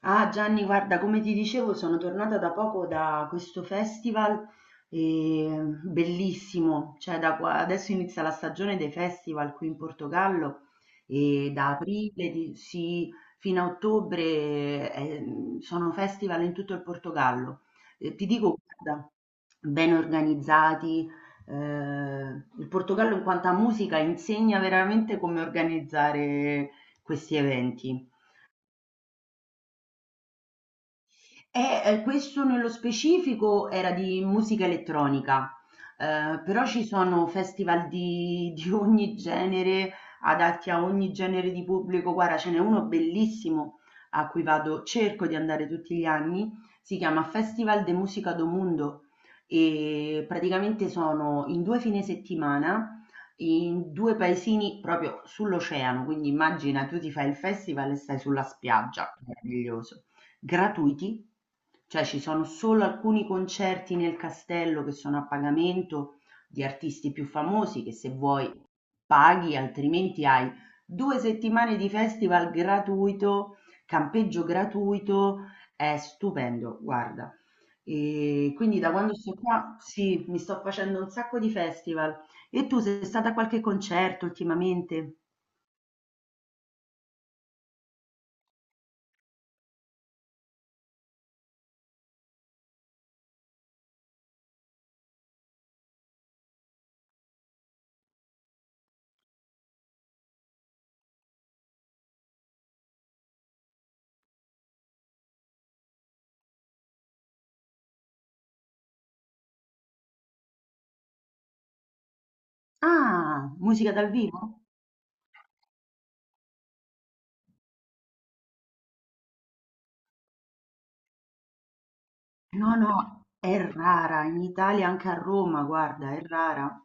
Ah Gianni, guarda, come ti dicevo, sono tornata da poco da questo festival, bellissimo. Cioè adesso inizia la stagione dei festival qui in Portogallo e da sì, fino a ottobre, eh, sono festival in tutto il Portogallo. Ti dico, guarda, ben organizzati, eh, il Portogallo in quanto a musica insegna veramente come organizzare questi eventi. E questo nello specifico era di musica elettronica, però ci sono festival di ogni genere, adatti a ogni genere di pubblico. Guarda, ce n'è uno bellissimo a cui vado cerco di andare tutti gli anni, si chiama Festival de Música do Mundo e praticamente sono in 2 fine settimana in 2 paesini proprio sull'oceano, quindi immagina, tu ti fai il festival e stai sulla spiaggia, meraviglioso. Gratuiti, cioè ci sono solo alcuni concerti nel castello che sono a pagamento di artisti più famosi che, se vuoi, paghi, altrimenti hai due settimane di festival gratuito, campeggio gratuito, è stupendo, guarda. E quindi da quando sto qua, sì, mi sto facendo un sacco di festival. E tu sei stata a qualche concerto ultimamente? Ah, musica dal vivo? No, no, è rara, in Italia, anche a Roma, guarda, è rara.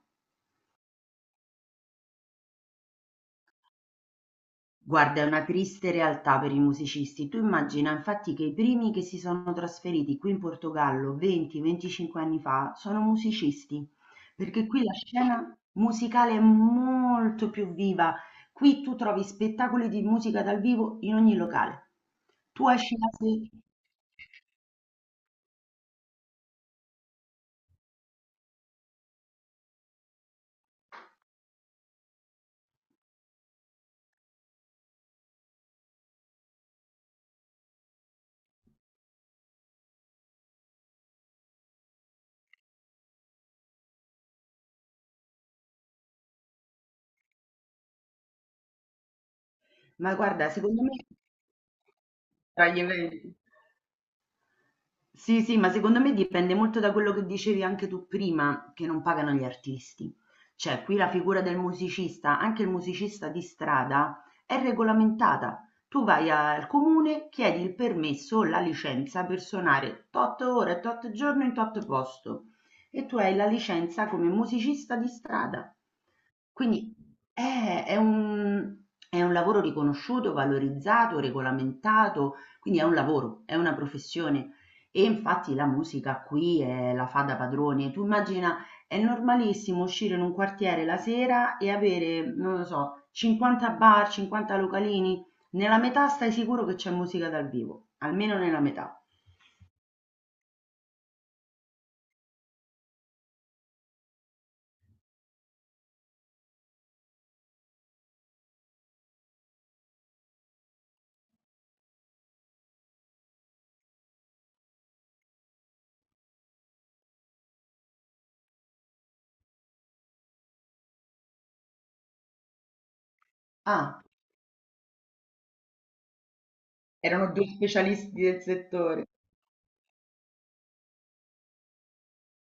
Guarda, è una triste realtà per i musicisti. Tu immagina, infatti, che i primi che si sono trasferiti qui in Portogallo 20-25 anni fa sono musicisti, perché qui la scena musicale è molto più viva. Qui tu trovi spettacoli di musica dal vivo in ogni locale. Tu esci la sera, ma guarda, secondo me, tra gli eventi. Sì, sì, ma secondo me dipende molto da quello che dicevi anche tu prima, che non pagano gli artisti. Cioè, qui la figura del musicista, anche il musicista di strada, è regolamentata. Tu vai al comune, chiedi il permesso o la licenza per suonare tot ore, tot giorno in tot posto e tu hai la licenza come musicista di strada. Quindi è è un è un lavoro riconosciuto, valorizzato, regolamentato, quindi è un lavoro, è una professione. E infatti la musica qui è la fa da padrone. Tu immagina, è normalissimo uscire in un quartiere la sera e avere, non lo so, 50 bar, 50 localini. Nella metà stai sicuro che c'è musica dal vivo, almeno nella metà. Ah, erano due specialisti del settore,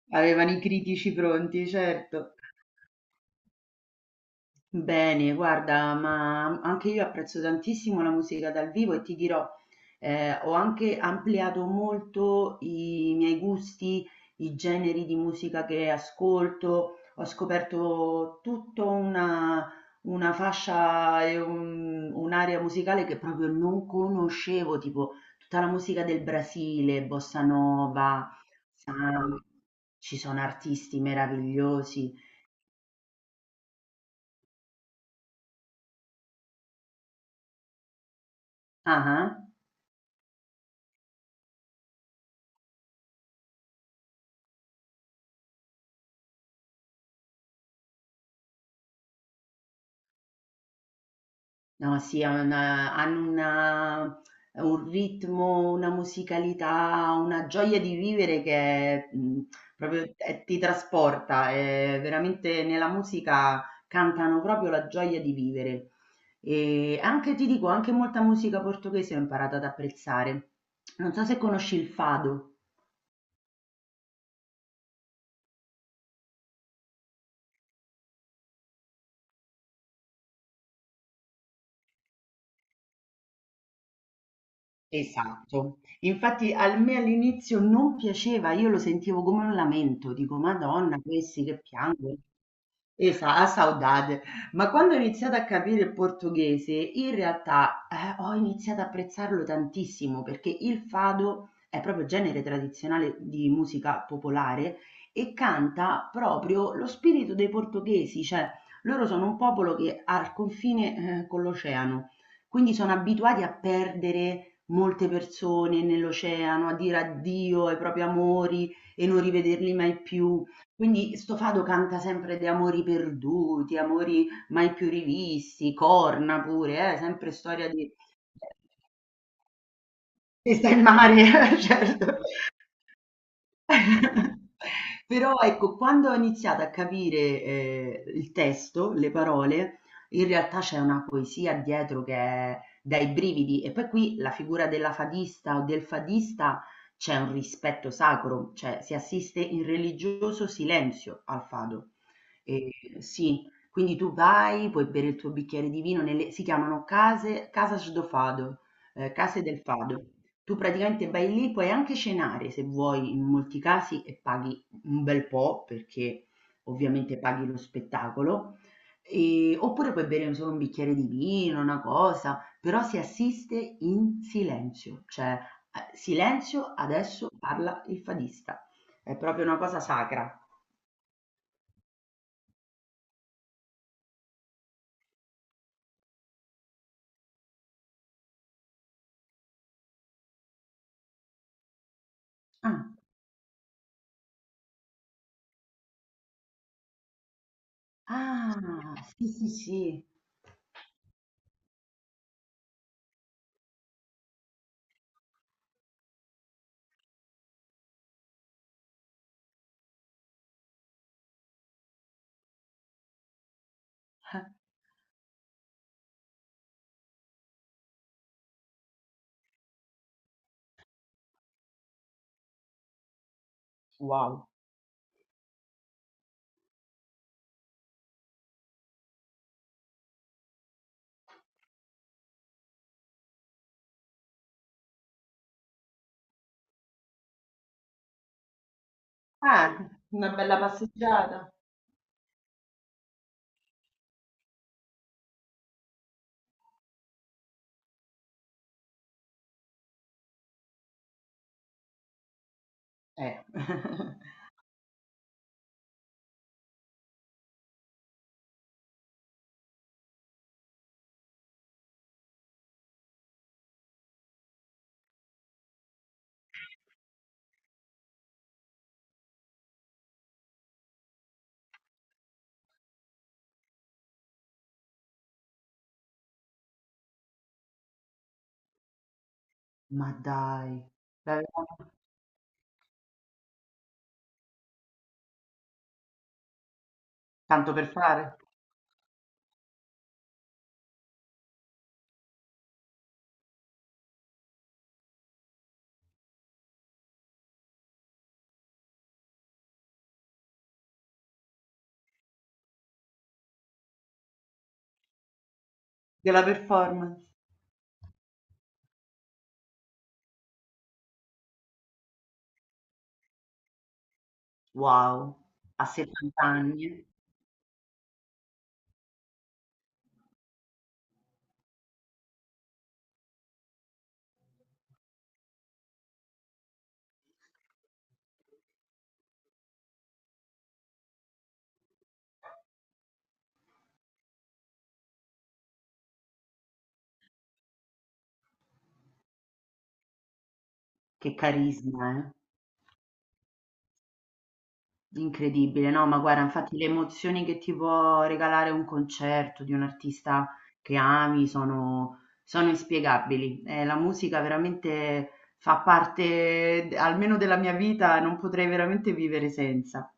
avevano i critici pronti, certo. Bene, guarda, ma anche io apprezzo tantissimo la musica dal vivo e ti dirò, ho anche ampliato molto i miei gusti, i generi di musica che ascolto, ho scoperto tutta una fascia e un'area musicale che proprio non conoscevo, tipo tutta la musica del Brasile, bossa nova, samba, ci sono artisti meravigliosi. Ah ah. No, sì, ha una hanno una un ritmo, una musicalità, una gioia di vivere che, proprio t ti trasporta, veramente nella musica cantano proprio la gioia di vivere. E anche ti dico, anche molta musica portoghese ho imparato ad apprezzare. Non so se conosci il fado. Esatto. Infatti a me all'inizio non piaceva, io lo sentivo come un lamento, dico: "Madonna, questi che piangono". Esa a saudade. Ma quando ho iniziato a capire il portoghese, in realtà, ho iniziato a apprezzarlo tantissimo perché il fado è proprio genere tradizionale di musica popolare e canta proprio lo spirito dei portoghesi, cioè loro sono un popolo che ha il confine, con l'oceano, quindi sono abituati a perdere molte persone nell'oceano, a dire addio ai propri amori e non rivederli mai più. Quindi sto Fado canta sempre di amori perduti, amori mai più rivisti, corna pure, sempre storia di vista in mare, certo. Però ecco, quando ho iniziato a capire, il testo, le parole, in realtà c'è una poesia dietro che è dai brividi. E poi qui la figura della fadista o del fadista c'è un rispetto sacro, cioè si assiste in religioso silenzio al fado. E sì, quindi tu vai, puoi bere il tuo bicchiere di vino nelle, si chiamano case, casas do fado, case del fado. Tu praticamente vai lì, puoi anche cenare se vuoi in molti casi e paghi un bel po' perché ovviamente paghi lo spettacolo. Oppure puoi bere solo un bicchiere di vino, una cosa, però si assiste in silenzio, cioè silenzio, adesso parla il fadista, è proprio una cosa sacra. Ah, ah, sì, sì, sì, wow. Ah, una bella passeggiata. Eh. Ma dai, l'avevano tanto per fare? Della performance? Wow, a 70 anni, eh? Che carisma, eh? Incredibile, no, ma guarda, infatti le emozioni che ti può regalare un concerto di un artista che ami sono inspiegabili. La musica veramente fa parte d almeno della mia vita, non potrei veramente vivere senza.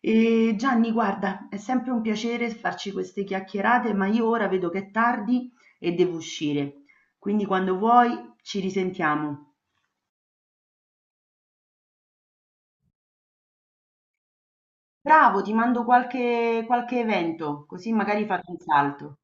Gianni, guarda, è sempre un piacere farci queste chiacchierate, ma io ora vedo che è tardi e devo uscire. Quindi quando vuoi ci risentiamo. Bravo, ti mando qualche evento, così magari fate un salto.